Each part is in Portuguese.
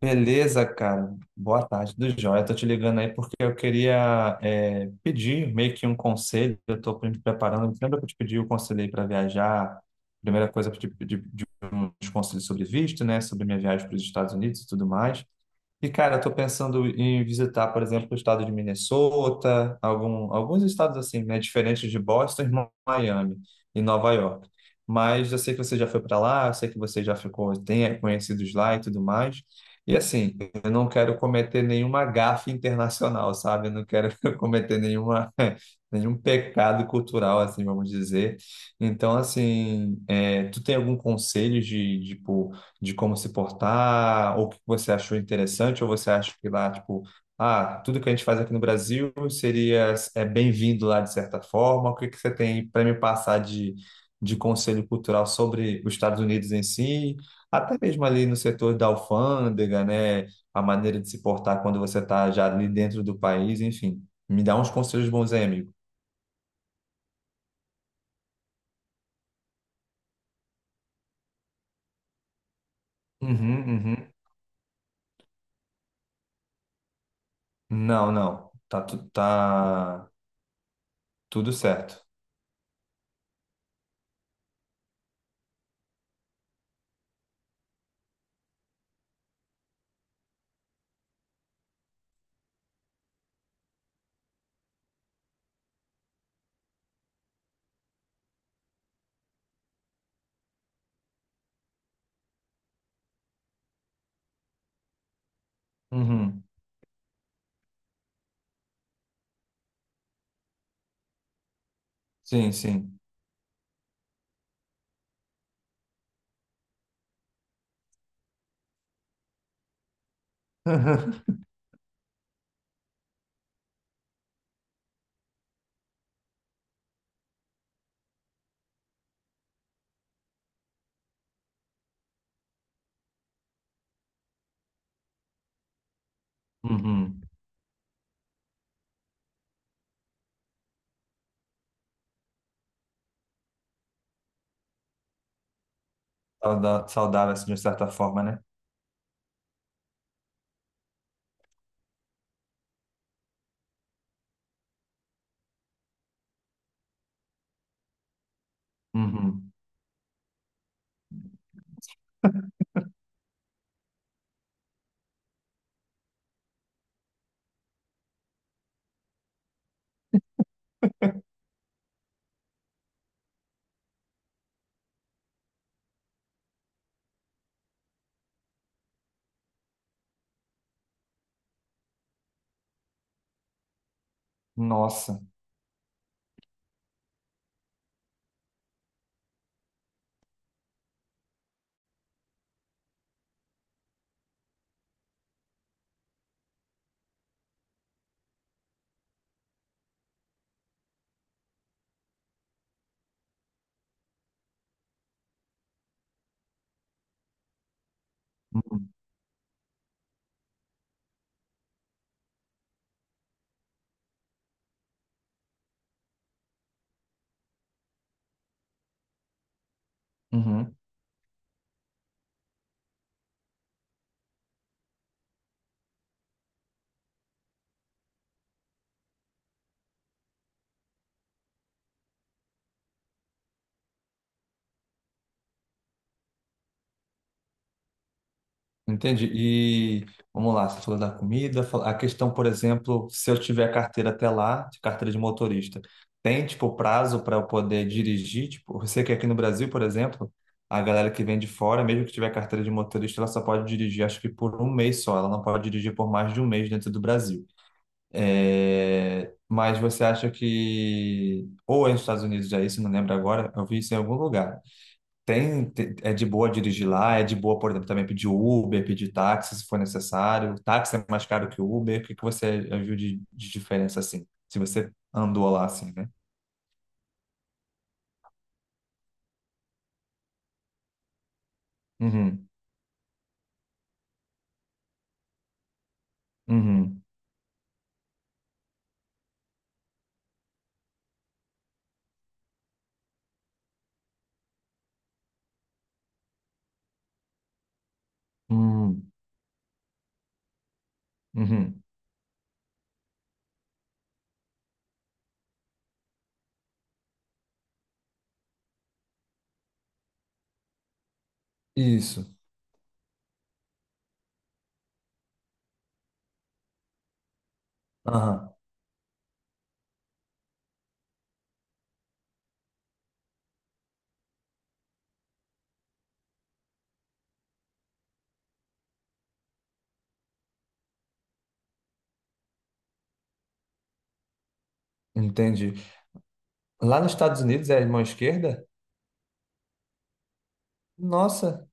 Beleza, cara. Boa tarde, do Joia. Tô te ligando aí porque eu queria pedir meio que um conselho. Eu tô me preparando. Lembra que eu te pedi o conselho aí para viajar? Primeira coisa, eu te pedi de uns conselhos sobre visto, né? Sobre minha viagem para os Estados Unidos e tudo mais. E, cara, eu tô pensando em visitar, por exemplo, o estado de Minnesota, alguns estados assim, né, diferentes de Boston, e Miami e Nova York. Mas eu sei que você já foi para lá, eu sei que você já ficou, tem conhecidos lá e tudo mais. E assim, eu não quero cometer nenhuma gafe internacional, sabe? Eu não quero cometer nenhuma, nenhum pecado cultural, assim, vamos dizer. Então, assim, tu tem algum conselho de, tipo, de como se portar, ou o que você achou interessante, ou você acha que lá, tipo, ah, tudo que a gente faz aqui no Brasil seria bem-vindo lá de certa forma? O que que você tem para me passar de conselho cultural sobre os Estados Unidos em si? Até mesmo ali no setor da alfândega, né? A maneira de se portar quando você está já ali dentro do país, enfim. Me dá uns conselhos bons aí, amigo. Uhum, uhum. Não, não. Tá, tá tudo certo. Uhum. Sim, sim. Uhum. Saudável, assim, de certa forma, né? Uhum. Nossa. Uhum. Uhum. Entendi. E vamos lá, você falou da comida, a questão, por exemplo, se eu tiver carteira até lá, de carteira de motorista, tem tipo prazo para eu poder dirigir? Tipo, eu sei que aqui no Brasil, por exemplo, a galera que vem de fora, mesmo que tiver carteira de motorista, ela só pode dirigir, acho que por um mês só, ela não pode dirigir por mais de um mês dentro do Brasil. É, mas você acha que, ou é nos Estados Unidos já isso, não lembro agora, eu vi isso em algum lugar. Tem, é de boa dirigir lá, é de boa, por exemplo, também pedir Uber, pedir táxi se for necessário. Táxi é mais caro que o Uber. O que que você viu de diferença assim? Se você andou lá assim, né? Uhum, uhum, uhum, uhum. Isso. Aham, entendi. Lá nos Estados Unidos é mão esquerda? Nossa,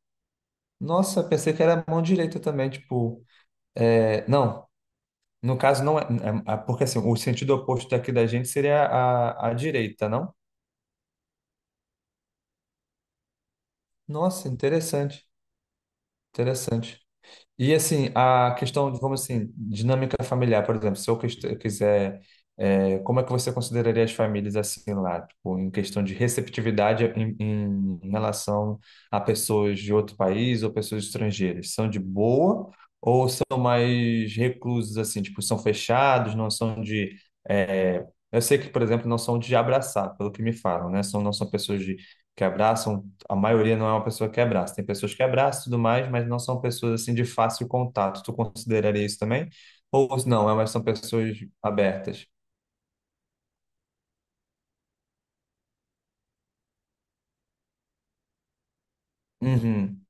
nossa, pensei que era mão direita também, tipo. É, não, no caso, não é, porque assim, o sentido oposto daqui da gente seria a direita, não? Nossa, interessante, interessante. E assim, a questão, vamos assim, dinâmica familiar, por exemplo, se eu quiser, é, como é que você consideraria as famílias assim lá, tipo, em questão de receptividade em, em relação a pessoas de outro país ou pessoas estrangeiras? São de boa ou são mais reclusos assim, tipo, são fechados, não são de, é, eu sei que, por exemplo, não são de abraçar, pelo que me falam, né? São, não são pessoas de, que abraçam a maioria não é uma pessoa que abraça. Tem pessoas que abraçam e tudo mais, mas não são pessoas assim de fácil contato. Tu consideraria isso também? Ou não, é, mas são pessoas abertas. Uhum,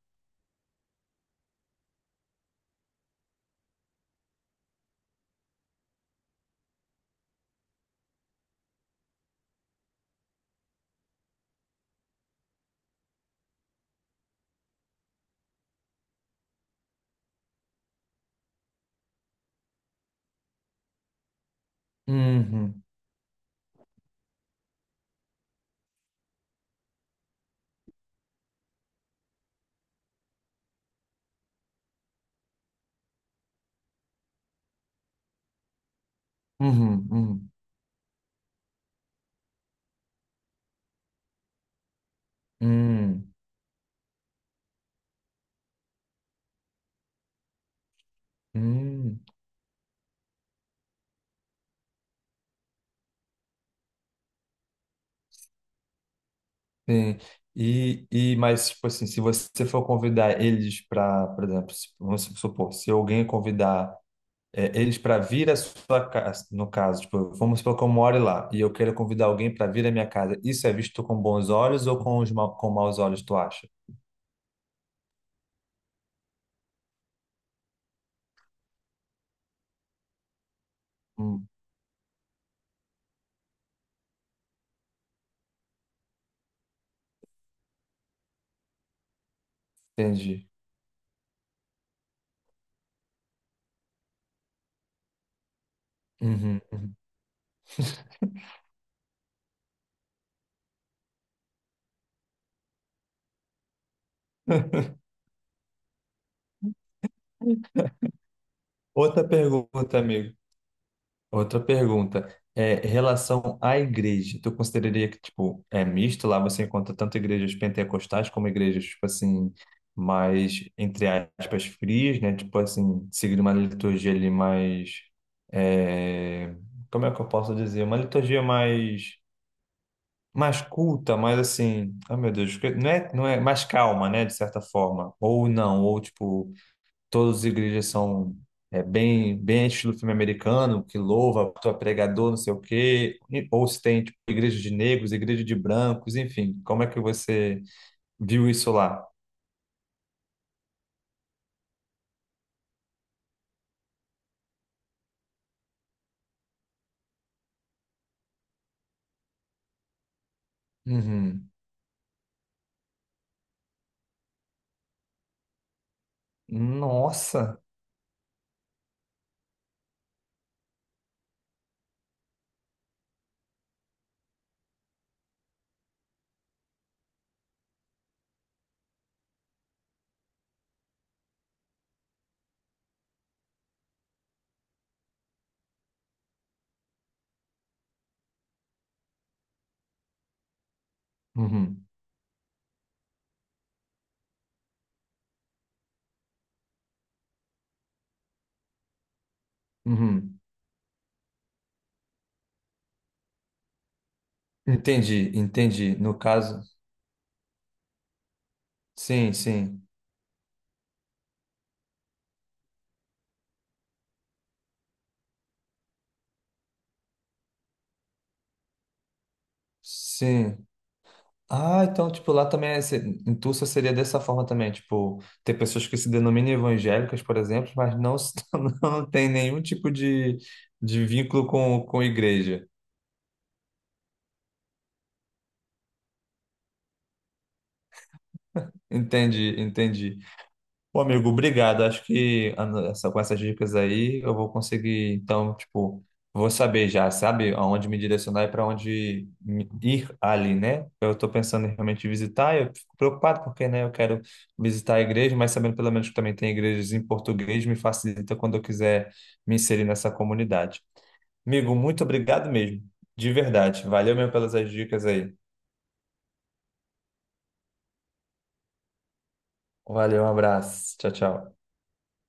uhum, uhum, uhum, uhum, uhum. Sim. E, mas, tipo assim, se você for convidar eles para, por exemplo, vamos supor, se alguém convidar eles para vir à sua casa, no caso, tipo, vamos supor que eu moro lá e eu quero convidar alguém para vir à minha casa, isso é visto com bons olhos ou com, os ma com maus olhos, tu acha? Hum, entendi. Uhum, uhum. Outra pergunta, amigo. Outra pergunta é em relação à igreja. Tu consideraria que tipo é misto lá? Você encontra tanto igrejas pentecostais como igrejas tipo assim mais entre aspas frias, né? Tipo assim seguindo uma liturgia ali mais é, como é que eu posso dizer? Uma liturgia mais mais culta, mais assim. Ai meu Deus, não é não é mais calma, né? De certa forma. Ou não, ou tipo todas as igrejas são é, bem, bem estilo filme americano, que louva, tu é pregador, não sei o quê, ou se tem tipo, igreja de negros, igreja de brancos, enfim, como é que você viu isso lá? Uhum. Nossa! Uhum. Uhum. Entendi, entendi. No caso, sim, sim, sim. Ah, então, tipo, lá também, é, em Tulsa seria dessa forma também, tipo, tem pessoas que se denominam evangélicas, por exemplo, mas não, não tem nenhum tipo de vínculo com igreja. Entendi, entendi. Pô, amigo, obrigado. Acho que ah, com essas dicas aí eu vou conseguir, então, tipo, vou saber já, sabe, aonde me direcionar e para onde ir ali, né? Eu estou pensando em realmente visitar, eu fico preocupado porque, né, eu quero visitar a igreja, mas sabendo pelo menos que também tem igrejas em português, me facilita quando eu quiser me inserir nessa comunidade. Amigo, muito obrigado mesmo, de verdade. Valeu mesmo pelas as dicas aí. Valeu, um abraço. Tchau, tchau.